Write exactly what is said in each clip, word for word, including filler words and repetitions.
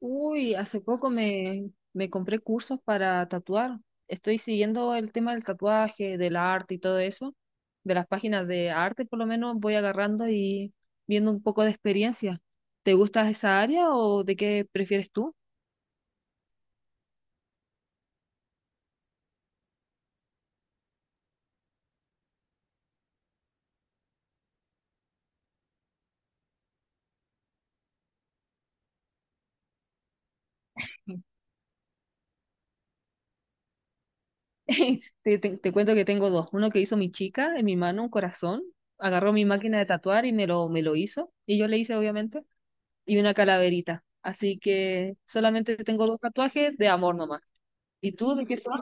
Uy, hace poco me, me compré cursos para tatuar. Estoy siguiendo el tema del tatuaje, del arte y todo eso. De las páginas de arte, por lo menos, voy agarrando y viendo un poco de experiencia. ¿Te gusta esa área o de qué prefieres tú? Te, te- te cuento que tengo dos. Uno que hizo mi chica en mi mano, un corazón. Agarró mi máquina de tatuar y me lo, me lo hizo. Y yo le hice, obviamente. Y una calaverita. Así que solamente tengo dos tatuajes de amor nomás. ¿Y tú de qué son?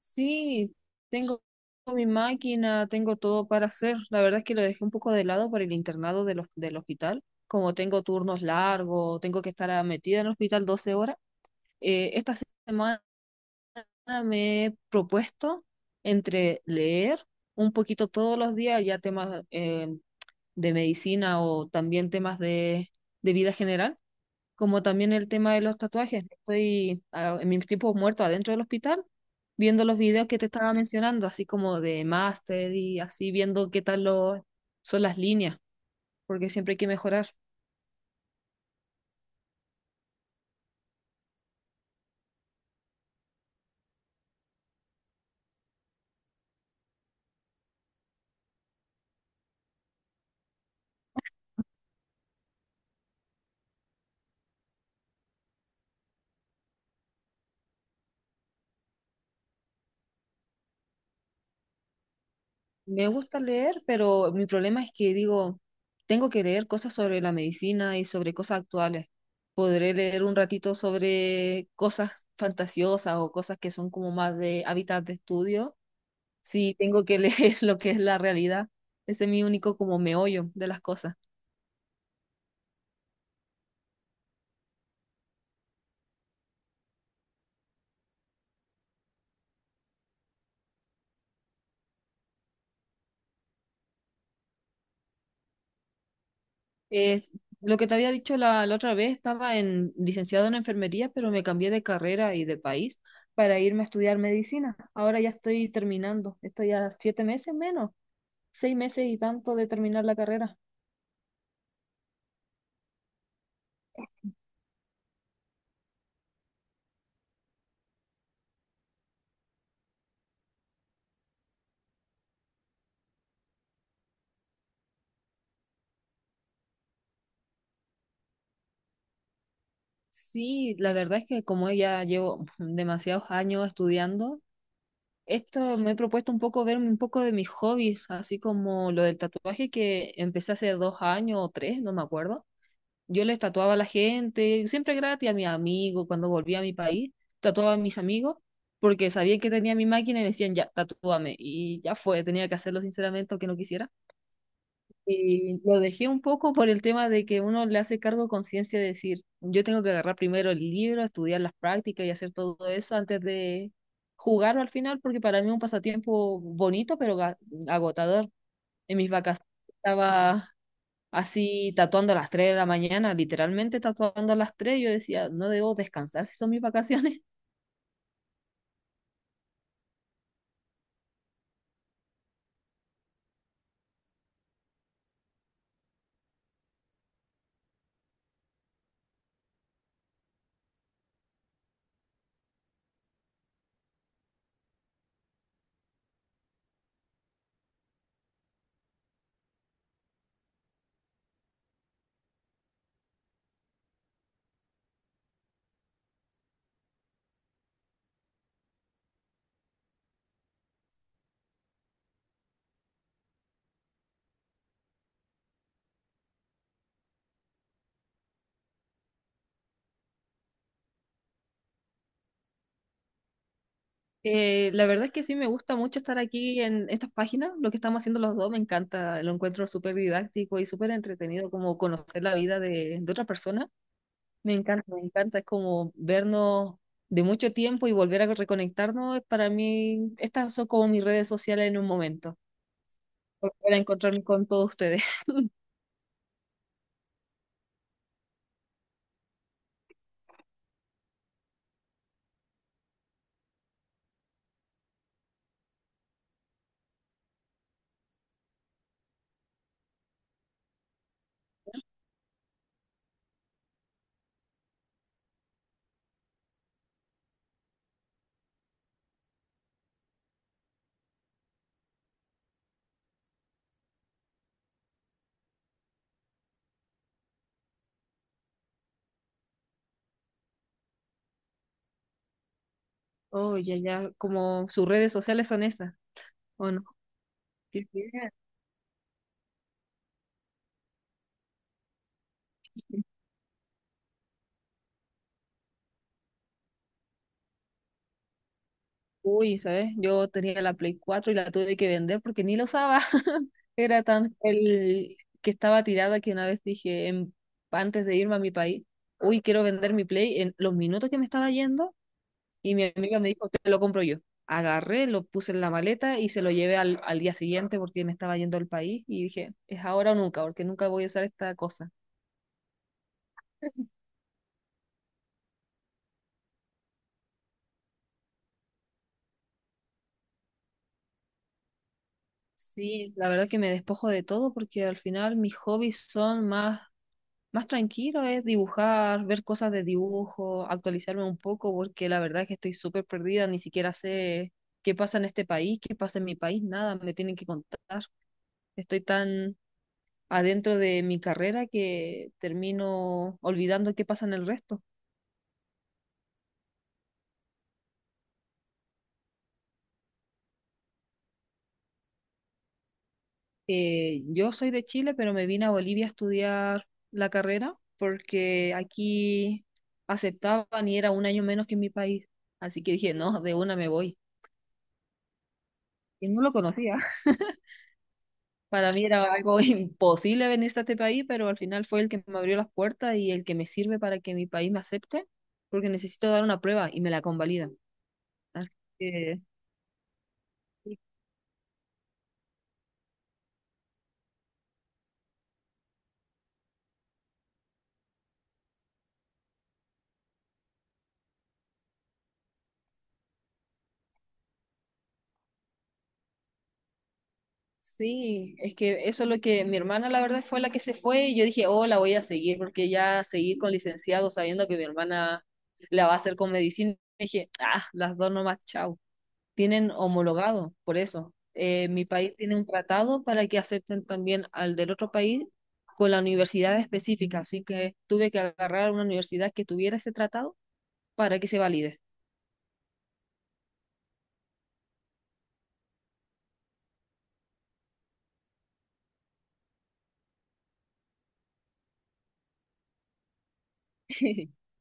Sí, tengo mi máquina, tengo todo para hacer. La verdad es que lo dejé un poco de lado por el internado de los del hospital. Como tengo turnos largos, tengo que estar ah, metida en el hospital doce horas. Eh, esta semana me he propuesto entre leer un poquito todos los días, ya temas eh, de medicina o también temas de, de vida general, como también el tema de los tatuajes. Estoy ah, en mis tiempos muertos adentro del hospital viendo los videos que te estaba mencionando, así como de máster y así viendo qué tal lo- son las líneas, porque siempre hay que mejorar. Me gusta leer, pero mi problema es que digo, tengo que leer cosas sobre la medicina y sobre cosas actuales. Podré leer un ratito sobre cosas fantasiosas o cosas que son como más de hábitat de estudio. Sí, tengo que leer lo que es la realidad. Ese es mi único como meollo de las cosas. Eh, lo que te había dicho la, la otra vez, estaba en licenciado en enfermería, pero me cambié de carrera y de país para irme a estudiar medicina. Ahora ya estoy terminando. Estoy a siete meses menos, seis meses y tanto de terminar la carrera. Y la verdad es que como ya llevo demasiados años estudiando, esto me he propuesto un poco verme un poco de mis hobbies, así como lo del tatuaje que empecé hace dos años o tres, no me acuerdo. Yo les tatuaba a la gente, siempre gratis, a mis amigos. Cuando volví a mi país, tatuaba a mis amigos, porque sabía que tenía mi máquina y me decían, ya, tatúame. Y ya fue, tenía que hacerlo sinceramente, aunque no quisiera. Y lo dejé un poco por el tema de que uno le hace cargo de conciencia de decir, yo tengo que agarrar primero el libro, estudiar las prácticas y hacer todo eso antes de jugarlo al final, porque para mí es un pasatiempo bonito, pero ga- agotador. En mis vacaciones estaba así tatuando a las tres de la mañana, literalmente tatuando a las tres. Yo decía, no debo descansar si son mis vacaciones. Eh, la verdad es que sí me gusta mucho estar aquí en estas páginas. Lo que estamos haciendo los dos me encanta, lo encuentro súper didáctico y súper entretenido, como conocer la vida de, de otra persona. Me encanta, me encanta, es como vernos de mucho tiempo y volver a reconectarnos. Para mí, estas son como mis redes sociales en un momento, volver a encontrarme con todos ustedes. Oh, ya, ya, como sus redes sociales son esas. ¿O no? Qué pena. Uy, ¿sabes? Yo tenía la Play cuatro y la tuve que vender porque ni lo usaba. Era tan el que estaba tirada que una vez dije, en- antes de irme a mi país, uy, quiero vender mi Play en los minutos que me estaba yendo. Y mi amiga me dijo que lo compro yo. Agarré, lo puse en la maleta y se lo llevé al, al día siguiente, porque me estaba yendo al país. Y dije, es ahora o nunca, porque nunca voy a usar esta cosa. Sí, la verdad que me despojo de todo, porque al final mis hobbies son más más tranquilo es dibujar, ver cosas de dibujo, actualizarme un poco, porque la verdad es que estoy súper perdida, ni siquiera sé qué pasa en este país, qué pasa en mi país, nada, me tienen que contar. Estoy tan adentro de mi carrera que termino olvidando qué pasa en el resto. Eh, yo soy de Chile, pero me vine a Bolivia a estudiar la carrera, porque aquí aceptaban y era un año menos que en mi país. Así que dije, no, de una me voy. Y no lo conocía. Para mí era algo imposible venirse a este país, pero al final fue el que me abrió las puertas y el que me sirve para que mi país me acepte, porque necesito dar una prueba y me la convalida. Así que, sí, es que eso es lo que mi hermana, la verdad, fue la que se fue, y yo dije, oh, la voy a seguir, porque ya seguir con licenciado sabiendo que mi hermana la va a hacer con medicina. Dije, ah, las dos nomás, chao. Tienen homologado, por eso. Eh, mi país tiene un tratado para que acepten también al del otro país con la universidad específica, así que tuve que agarrar una universidad que tuviera ese tratado para que se valide.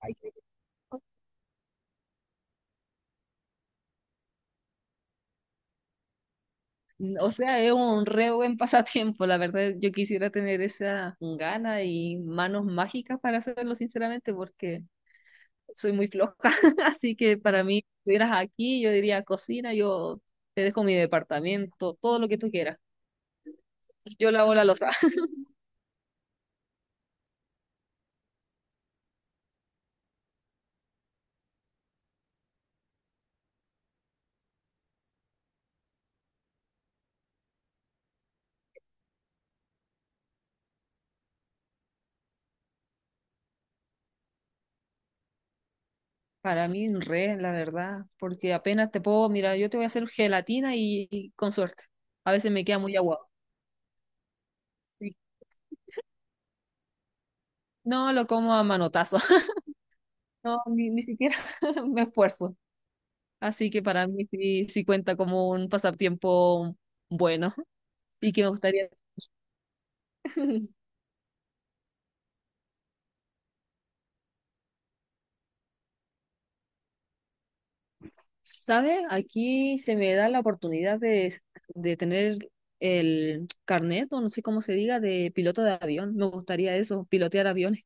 Ay, qué loco. O sea, es un re buen pasatiempo, la verdad. Yo quisiera tener esa gana y manos mágicas para hacerlo, sinceramente, porque soy muy floja. Así que para mí, si estuvieras aquí, yo diría cocina, yo te dejo mi departamento, todo lo que tú quieras. Yo lavo la loza. Para mí, re, la verdad, porque apenas te puedo, mira, yo te voy a hacer gelatina y, y con suerte. A veces me queda muy aguado. Sí. No lo como a manotazo. No, ni, ni siquiera me esfuerzo. Así que para mí sí, sí cuenta como un pasatiempo bueno y que me gustaría. Sabe. Aquí se me da la oportunidad de, de tener el carnet, o no sé cómo se diga, de piloto de avión. Me gustaría eso, pilotear aviones.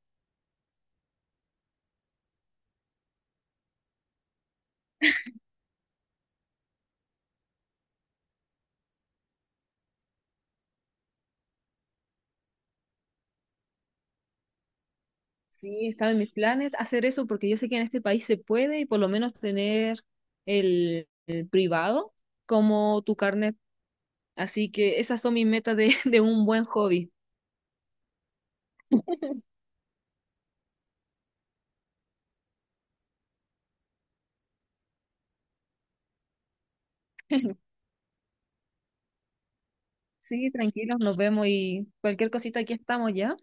Sí, estaba en mis planes hacer eso, porque yo sé que en este país se puede y por lo menos tener el, el privado como tu carnet. Así que esas son mis metas de, de un buen hobby. Sí, tranquilos, nos vemos y cualquier cosita aquí estamos ya.